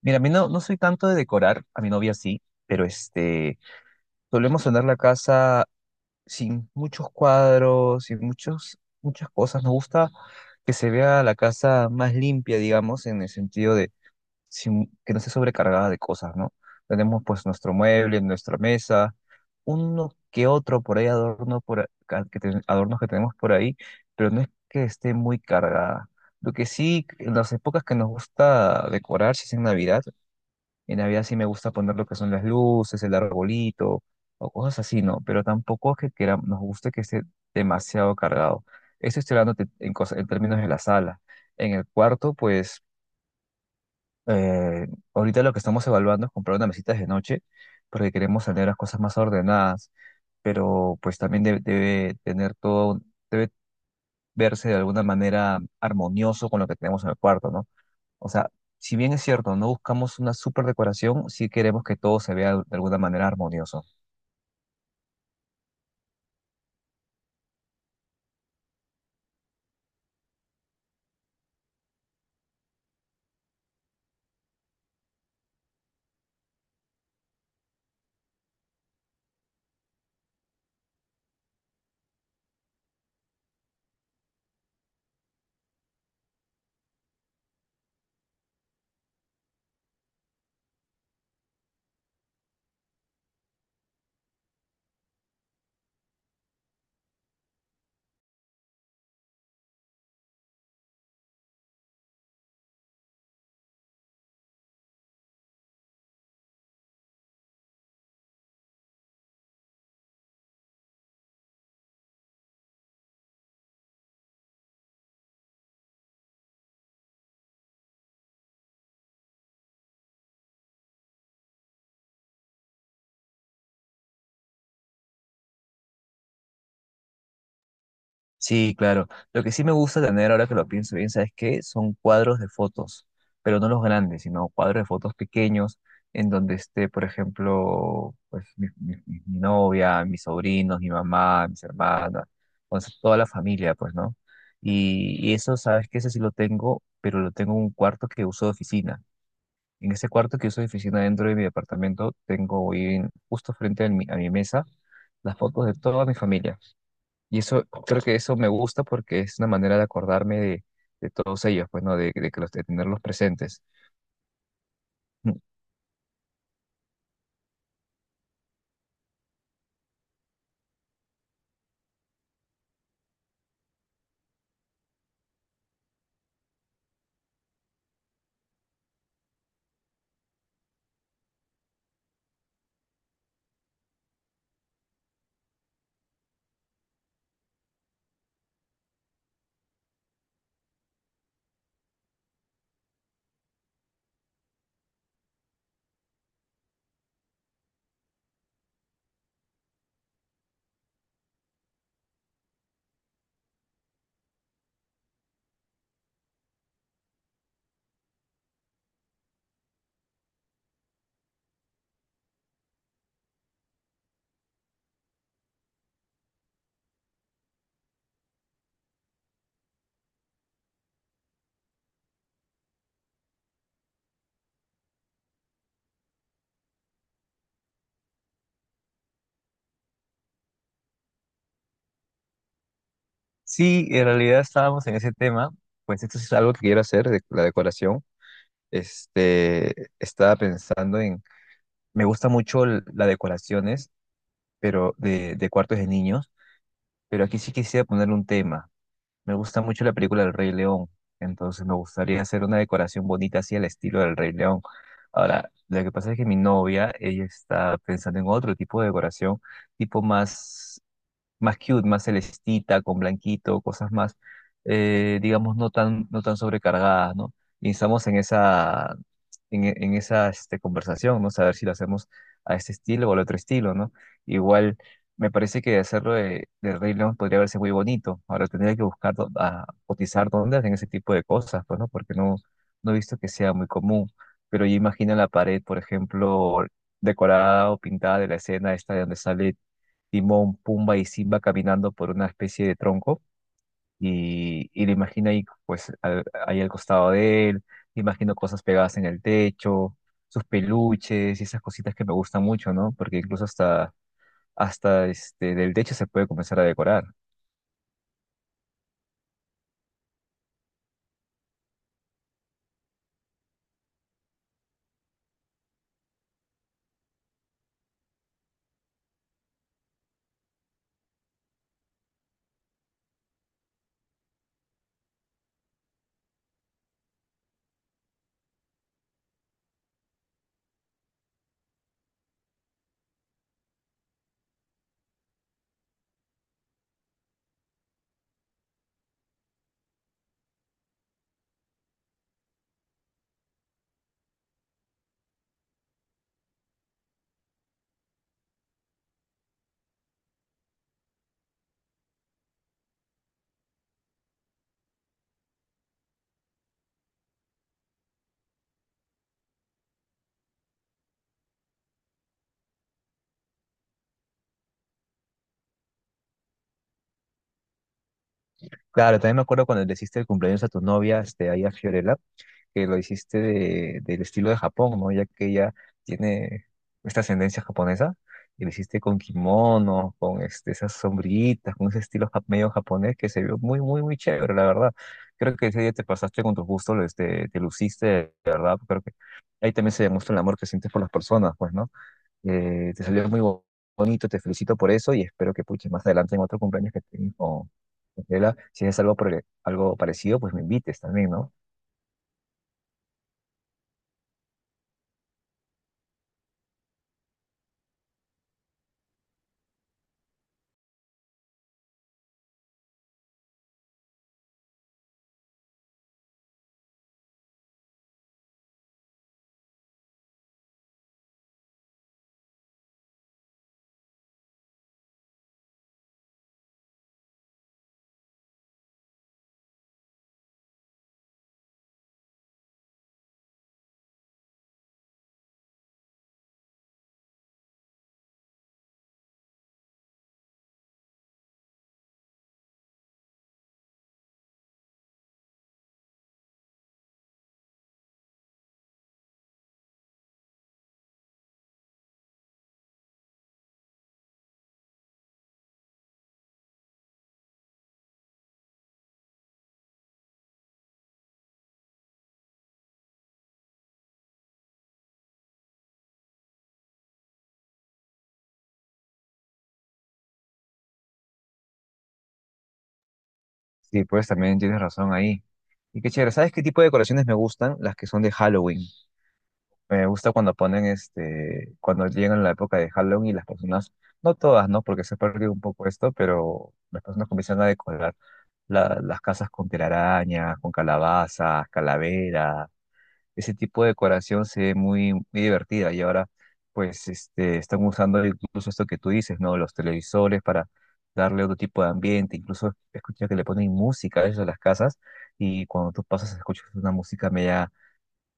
Mira, a mí no soy tanto de decorar, a mi novia sí, pero solemos sonar la casa sin muchos cuadros, sin muchos, muchas cosas. Nos gusta que se vea la casa más limpia, digamos, en el sentido de que no esté sobrecargada de cosas, ¿no? Tenemos pues nuestro mueble, nuestra mesa, uno que otro por ahí adorno por acá- que ten- adornos que tenemos por ahí, pero no es que esté muy cargada. Lo que sí, en las épocas que nos gusta decorar, si es en Navidad sí me gusta poner lo que son las luces, el arbolito o cosas así, ¿no? Pero tampoco es que nos guste que esté demasiado cargado. Esto estoy hablando en términos de la sala. En el cuarto, pues eh, ahorita lo que estamos evaluando es comprar una mesita de noche porque queremos tener las cosas más ordenadas, pero pues también debe tener todo, debe verse de alguna manera armonioso con lo que tenemos en el cuarto, ¿no? O sea, si bien es cierto, no buscamos una super decoración, sí queremos que todo se vea de alguna manera armonioso. Sí, claro. Lo que sí me gusta tener, ahora que lo pienso bien, ¿sabes qué? Son cuadros de fotos, pero no los grandes, sino cuadros de fotos pequeños en donde esté, por ejemplo, pues mi novia, mis sobrinos, mi mamá, mis hermanas, o sea, toda la familia, pues, ¿no? Y eso, ¿sabes qué? Ese sí lo tengo, pero lo tengo en un cuarto que uso de oficina. En ese cuarto que uso de oficina dentro de mi departamento, tengo ahí justo frente a mi mesa las fotos de toda mi familia. Y eso, creo que eso me gusta porque es una manera de acordarme de todos ellos, pues, ¿no? De que de tenerlos presentes. Mm. Sí, en realidad estábamos en ese tema, pues esto sí es algo que quiero hacer, de, la decoración. Este, estaba pensando en, me gusta mucho las decoraciones, pero de cuartos de niños, pero aquí sí quisiera ponerle un tema. Me gusta mucho la película del Rey León, entonces me gustaría hacer una decoración bonita así al estilo del Rey León. Ahora, lo que pasa es que mi novia, ella está pensando en otro tipo de decoración, tipo más más cute, más celestita, con blanquito, cosas más, digamos, no tan sobrecargadas, ¿no? Y estamos en esa, en esa conversación, ¿no? Saber si lo hacemos a este estilo o al otro estilo, ¿no? Igual, me parece que hacerlo de Rey León podría verse muy bonito. Ahora tendría que buscar, cotizar dónde hacen ese tipo de cosas, pues, ¿no? Porque no he visto que sea muy común. Pero yo imagino la pared, por ejemplo, decorada o pintada de la escena esta de donde sale Timón, Pumba y Simba caminando por una especie de tronco y le imagina ahí, pues, ahí al costado de él, le imagino cosas pegadas en el techo, sus peluches y esas cositas que me gustan mucho, ¿no? Porque hasta del techo se puede comenzar a decorar. Claro, también me acuerdo cuando le hiciste el cumpleaños a tu novia, ahí a Fiorella, que lo hiciste del estilo de Japón, ¿no? Ya que ella tiene esta ascendencia japonesa, y lo hiciste con kimono, con esas sombrillitas, con ese estilo medio japonés que se vio muy, muy chévere, la verdad. Creo que ese día te pasaste con tus gustos, te luciste, de verdad. Creo que ahí también se demuestra el amor que sientes por las personas, pues, ¿no? Te salió bonito, te felicito por eso y espero que puches más adelante en otro cumpleaños que tengas con Gabriela, si es algo, algo parecido, pues me invites también, ¿no? Sí, pues también tienes razón ahí. Y qué chévere, ¿sabes qué tipo de decoraciones me gustan? Las que son de Halloween. Me gusta cuando ponen cuando llegan la época de Halloween y las personas, no todas, ¿no? Porque se perdió un poco esto, pero las personas comienzan a decorar las casas con telarañas, con calabazas, calaveras. Ese tipo de decoración se ve muy, muy divertida y ahora pues están usando incluso esto que tú dices, ¿no? Los televisores para darle otro tipo de ambiente, incluso escuchar que le ponen música a ellos a las casas y cuando tú pasas escuchas una música media,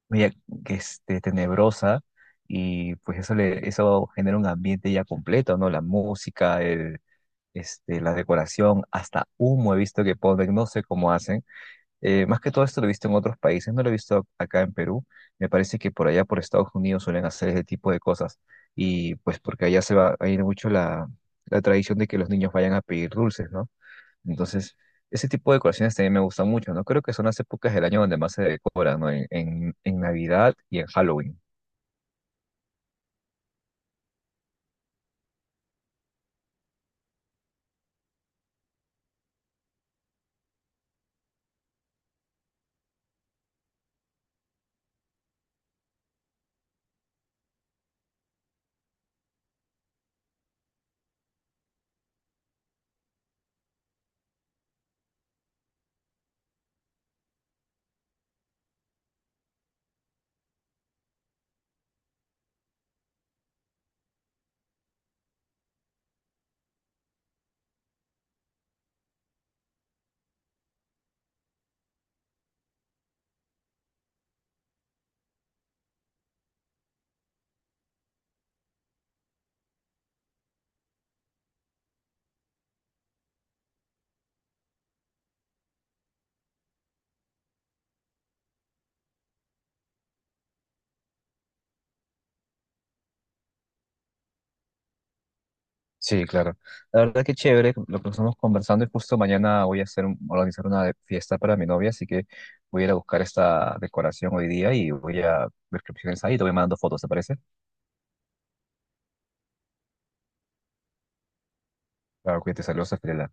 media tenebrosa y pues eso, eso genera un ambiente ya completo, ¿no? La música, la decoración, hasta humo he visto que ponen, no sé cómo hacen. Más que todo esto lo he visto en otros países, no lo he visto acá en Perú. Me parece que por allá, por Estados Unidos, suelen hacer ese tipo de cosas. Y pues porque allá se va a ir mucho la tradición de que los niños vayan a pedir dulces, ¿no? Entonces, ese tipo de decoraciones también me gustan mucho, ¿no? Creo que son las épocas del año donde más se decora, ¿no? En Navidad y en Halloween. Sí, claro. La verdad que chévere, lo que estamos conversando y justo mañana voy a hacer organizar fiesta para mi novia, así que voy a ir a buscar esta decoración hoy día y voy a ver qué opciones hay y te voy mandando fotos, ¿te parece? Claro, cuídate, saludos a Fiorella.